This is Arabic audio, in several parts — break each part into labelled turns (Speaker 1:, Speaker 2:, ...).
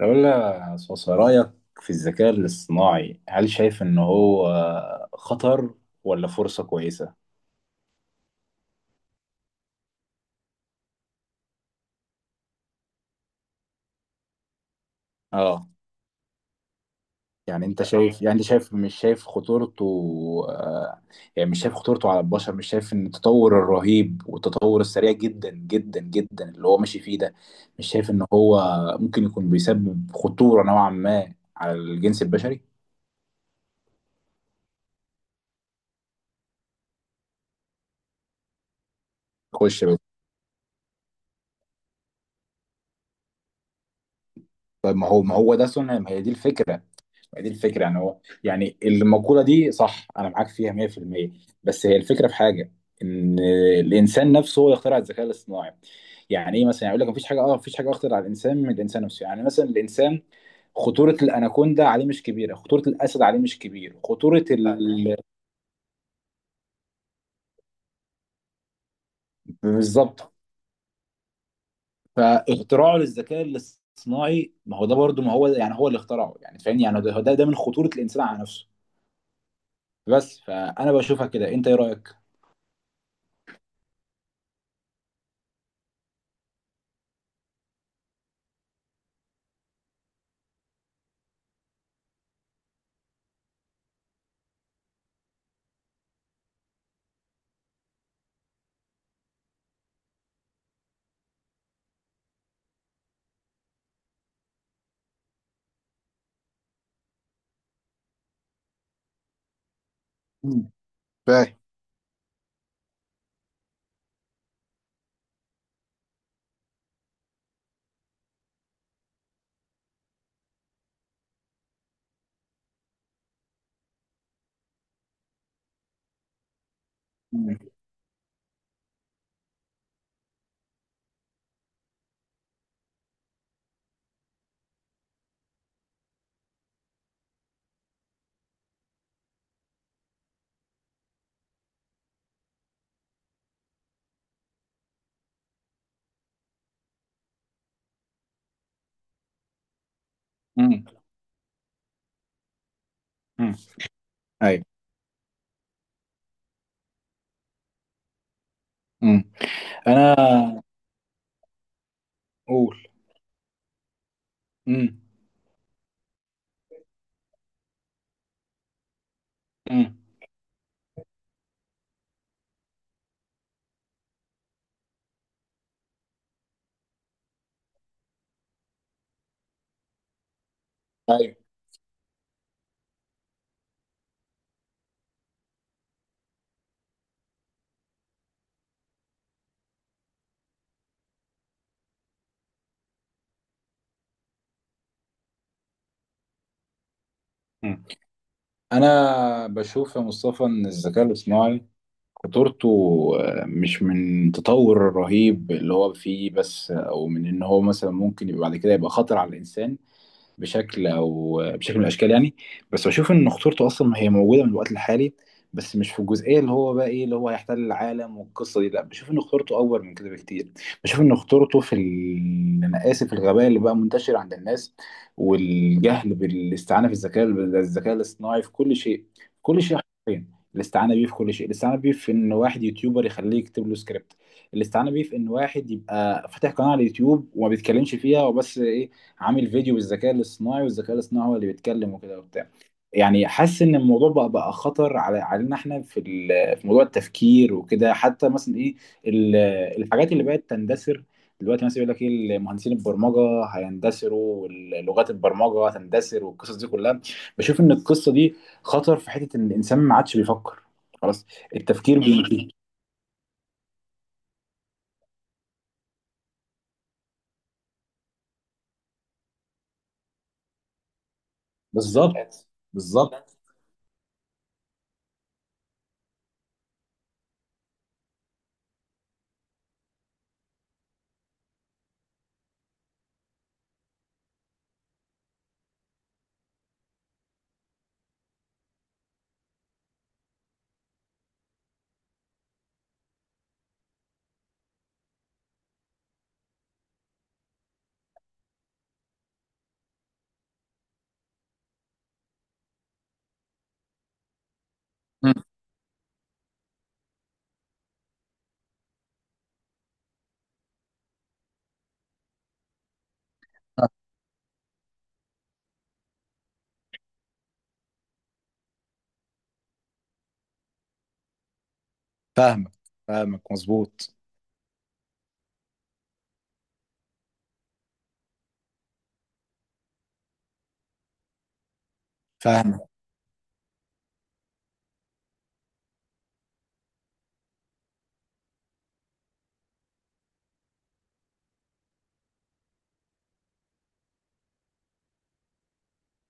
Speaker 1: لو لها صوص رأيك في الذكاء الاصطناعي، هل شايف إن هو خطر ولا فرصة كويسة؟ اه، يعني انت شايف مش شايف خطورته. آه يعني مش شايف خطورته على البشر، مش شايف ان التطور الرهيب والتطور السريع جدا جدا جدا اللي هو ماشي فيه ده، مش شايف ان هو ممكن يكون بيسبب خطورة نوعا ما على الجنس البشري؟ خش بس. طيب، ما هو ده سنة، ما هي دي الفكرة، دي الفكره. يعني هو، يعني المقوله دي صح، انا معاك فيها 100%. بس هي الفكره في حاجه، ان الانسان نفسه هو يخترع الذكاء الاصطناعي. يعني ايه مثلا؟ يعني يقول لك مفيش حاجه، مفيش حاجه اخطر على الانسان من الانسان نفسه. يعني مثلا الانسان، خطوره الاناكوندا عليه مش كبيره، خطوره الاسد عليه مش كبير، خطوره ال... بالظبط. فاختراعه للذكاء الاصطناعي، ما هو ده برضه، ما هو يعني هو اللي اخترعه، يعني فاهمني، يعني ده من خطوره الانسان على نفسه. بس فانا بشوفها كده، انت ايه رايك؟ مم. فاهم. مم. امم. ايوه. امم. انا اقول. امم. امم. ايوه. امم. انا بشوف يا مصطفى ان الذكاء الاصطناعي خطورته، مش من التطور الرهيب اللي هو فيه بس، او من ان هو مثلا ممكن يبقى بعد كده يبقى خطر على الانسان بشكل او بشكل من الاشكال يعني. بس بشوف ان خطورته اصلا هي موجوده من الوقت الحالي، بس مش في الجزئيه اللي هو بقى ايه اللي هو هيحتل العالم والقصه دي، لا، بشوف ان خطورته اكبر من كده بكتير. بشوف ان خطورته في ال... انا اسف، الغباء اللي بقى منتشر عند الناس والجهل بالاستعانه في الذكاء الاصطناعي في كل شيء، في كل شيء حرفيا، الاستعانه بيه في كل شيء، الاستعانه بيه في ان واحد يوتيوبر يخليه يكتب له سكريبت، الاستعانه بيه في ان واحد يبقى فاتح قناه على اليوتيوب وما بيتكلمش فيها، وبس ايه، عامل فيديو بالذكاء الاصطناعي والذكاء الاصطناعي هو اللي بيتكلم وكده وبتاع. يعني حاسس ان الموضوع بقى خطر على، علينا احنا، في ال- في موضوع التفكير وكده. حتى مثلا ايه، ال- الحاجات اللي بقت تندثر دلوقتي مثلا، يقول لك ايه، مهندسين البرمجه هيندثروا ولغات البرمجه هتندثر والقصص دي كلها. بشوف ان القصه دي خطر في حته ان الانسان ما عادش بيفكر، خلاص. التفكير بي... بالظبط، بالظبط. مم. فاهمك، فاهمك مظبوط. فاهمك.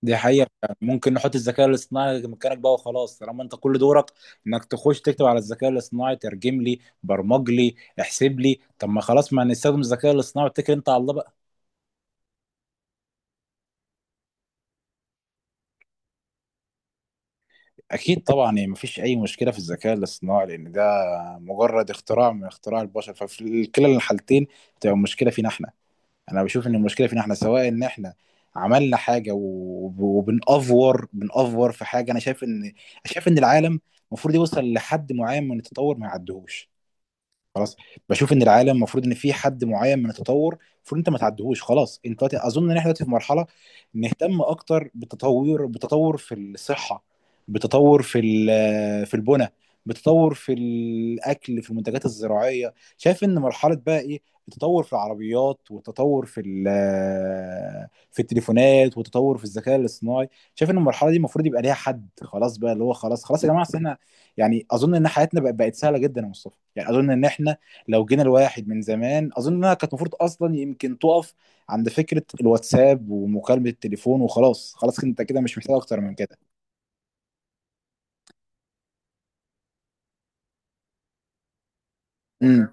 Speaker 1: دي حقيقة. ممكن نحط الذكاء الاصطناعي مكانك بقى وخلاص، طالما انت كل دورك انك تخش تكتب على الذكاء الاصطناعي ترجم لي، برمج لي، احسب لي. طب ما خلاص، ما نستخدم الذكاء الاصطناعي واتكل انت على الله بقى. اكيد طبعا، يعني مفيش اي مشكلة في الذكاء الاصطناعي لان ده مجرد اختراع من اختراع البشر، ففي كلا الحالتين تبقى المشكلة فينا احنا. انا بشوف ان المشكلة فينا احنا، سواء ان احنا عملنا حاجة وبنأفور في حاجة. انا شايف ان، شايف ان العالم المفروض يوصل لحد معين من التطور، ما يعدهوش، خلاص. بشوف ان العالم المفروض ان في حد معين من التطور، المفروض انت ما تعدهوش، خلاص. انت دلوقتي اظن ان احنا دلوقتي في مرحله نهتم اكتر بالتطور، بالتطور في الصحه، بالتطور في ال- في البنى، بالتطور في الاكل، في المنتجات الزراعيه. شايف ان مرحله بقى ايه التطور في العربيات، والتطور في ال- في التليفونات، والتطور في الذكاء الاصطناعي. شايف ان المرحله دي المفروض يبقى ليها حد، خلاص بقى اللي هو خلاص خلاص يا جماعه، أصل احنا، يعني اظن ان حياتنا بقت سهله جدا يا مصطفى. يعني اظن ان احنا لو جينا لواحد من زمان، اظن انها كانت المفروض اصلا يمكن تقف عند فكره الواتساب ومكالمه التليفون، وخلاص، خلاص انت كده مش محتاج اكتر من كده. امم.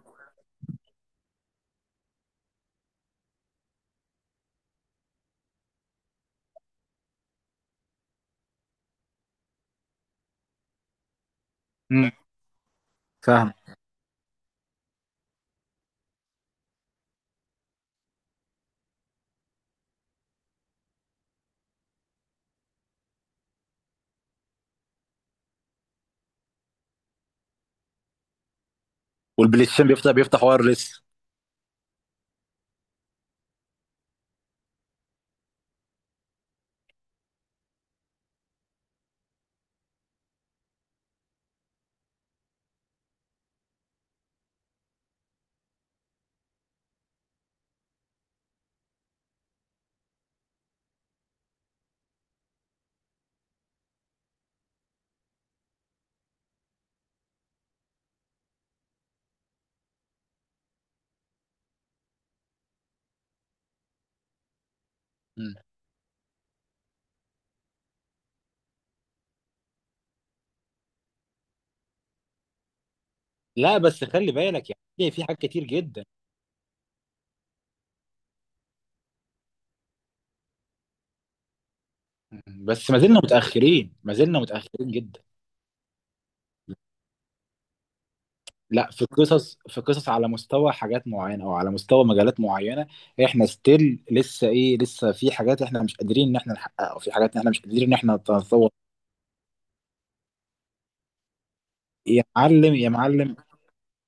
Speaker 1: امم. فاهم. والبلاي ستيشن بيفتح وايرلس. مم. لا بس خلي بالك يعني في حاجات كتير جدا. مم. بس ما زلنا متاخرين، ما زلنا متاخرين جدا. لا، في قصص على مستوى حاجات معينه او على مستوى مجالات معينه، احنا ستيل لسه ايه، لسه في حاجات احنا مش قادرين ان احنا نحققها، وفي حاجات احنا مش قادرين ان احنا نتطور. يا معلم يا معلم.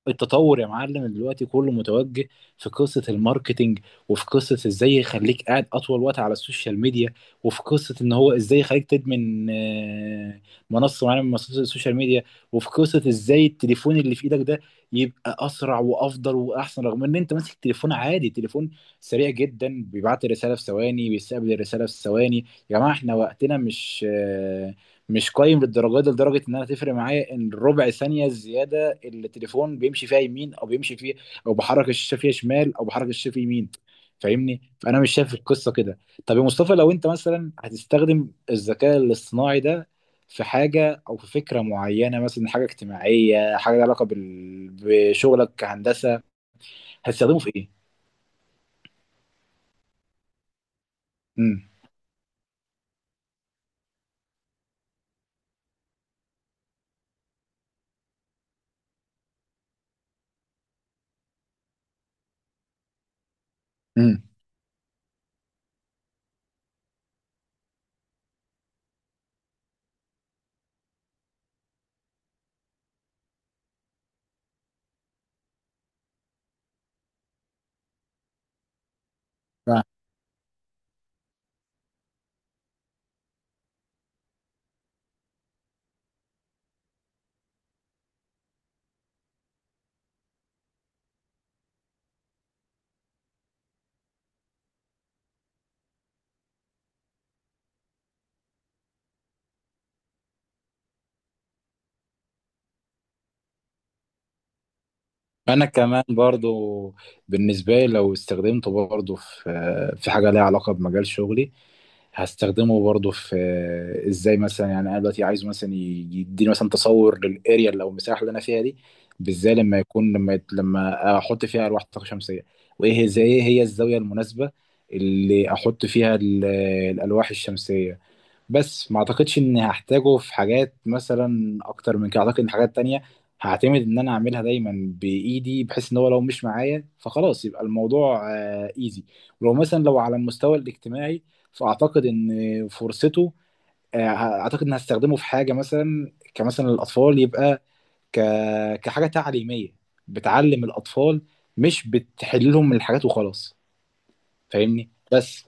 Speaker 1: التطور يا معلم دلوقتي كله متوجه في قصة الماركتينج، وفي قصة ازاي يخليك قاعد اطول وقت على السوشيال ميديا، وفي قصة ان هو ازاي يخليك تدمن منصة معينة من منصات السوشيال ميديا، وفي قصة ازاي التليفون اللي في ايدك ده يبقى اسرع وافضل واحسن، رغم ان انت ماسك تليفون عادي، تليفون سريع جدا بيبعت الرسالة في ثواني، بيستقبل الرسالة في ثواني. يا جماعة احنا وقتنا مش مش قايم للدرجة دي، لدرجة ان انا تفرق معايا ان ربع ثانية زيادة التليفون بيمشي فيها يمين او بيمشي فيه، او بحرك الشاشه فيها شمال او بحرك الشاشه فيه يمين. فاهمني، فانا مش شايف القصه كده. طب يا مصطفى، لو انت مثلا هتستخدم الذكاء الاصطناعي ده في حاجه او في فكره معينه، مثلا حاجه اجتماعيه، حاجه لها علاقه بال... بشغلك كهندسه، هتستخدمه في ايه؟ امم. امم. انا كمان برضو، بالنسبه لي لو استخدمته برضو في حاجه ليها علاقه بمجال شغلي، هستخدمه برضو في ازاي مثلا، يعني انا دلوقتي عايز مثلا يديني مثلا تصور للاريا، لو المساحه اللي انا فيها دي بالذات لما يكون، لما يت- لما احط فيها الواح طاقه شمسيه، وايه هي، زي ايه هي الزاويه المناسبه اللي احط فيها ال- الالواح الشمسيه. بس ما اعتقدش اني هحتاجه في حاجات مثلا اكتر من كده. اعتقد ان حاجات تانية هعتمد ان انا اعملها دايما بايدي، بحيث ان هو لو مش معايا فخلاص يبقى الموضوع ايزي. ولو مثلا لو على المستوى الاجتماعي، فاعتقد ان فرصته، آه، اعتقد ان هستخدمه في حاجة مثلا كمثلا الاطفال، يبقى ك... كحاجة تعليمية بتعلم الاطفال، مش بتحل لهم الحاجات وخلاص. فاهمني بس.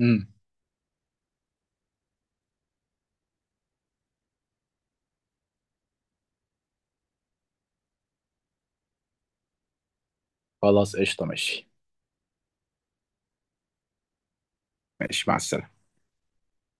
Speaker 1: امم. خلاص قشطة ماشي. ماشي مع السلامة.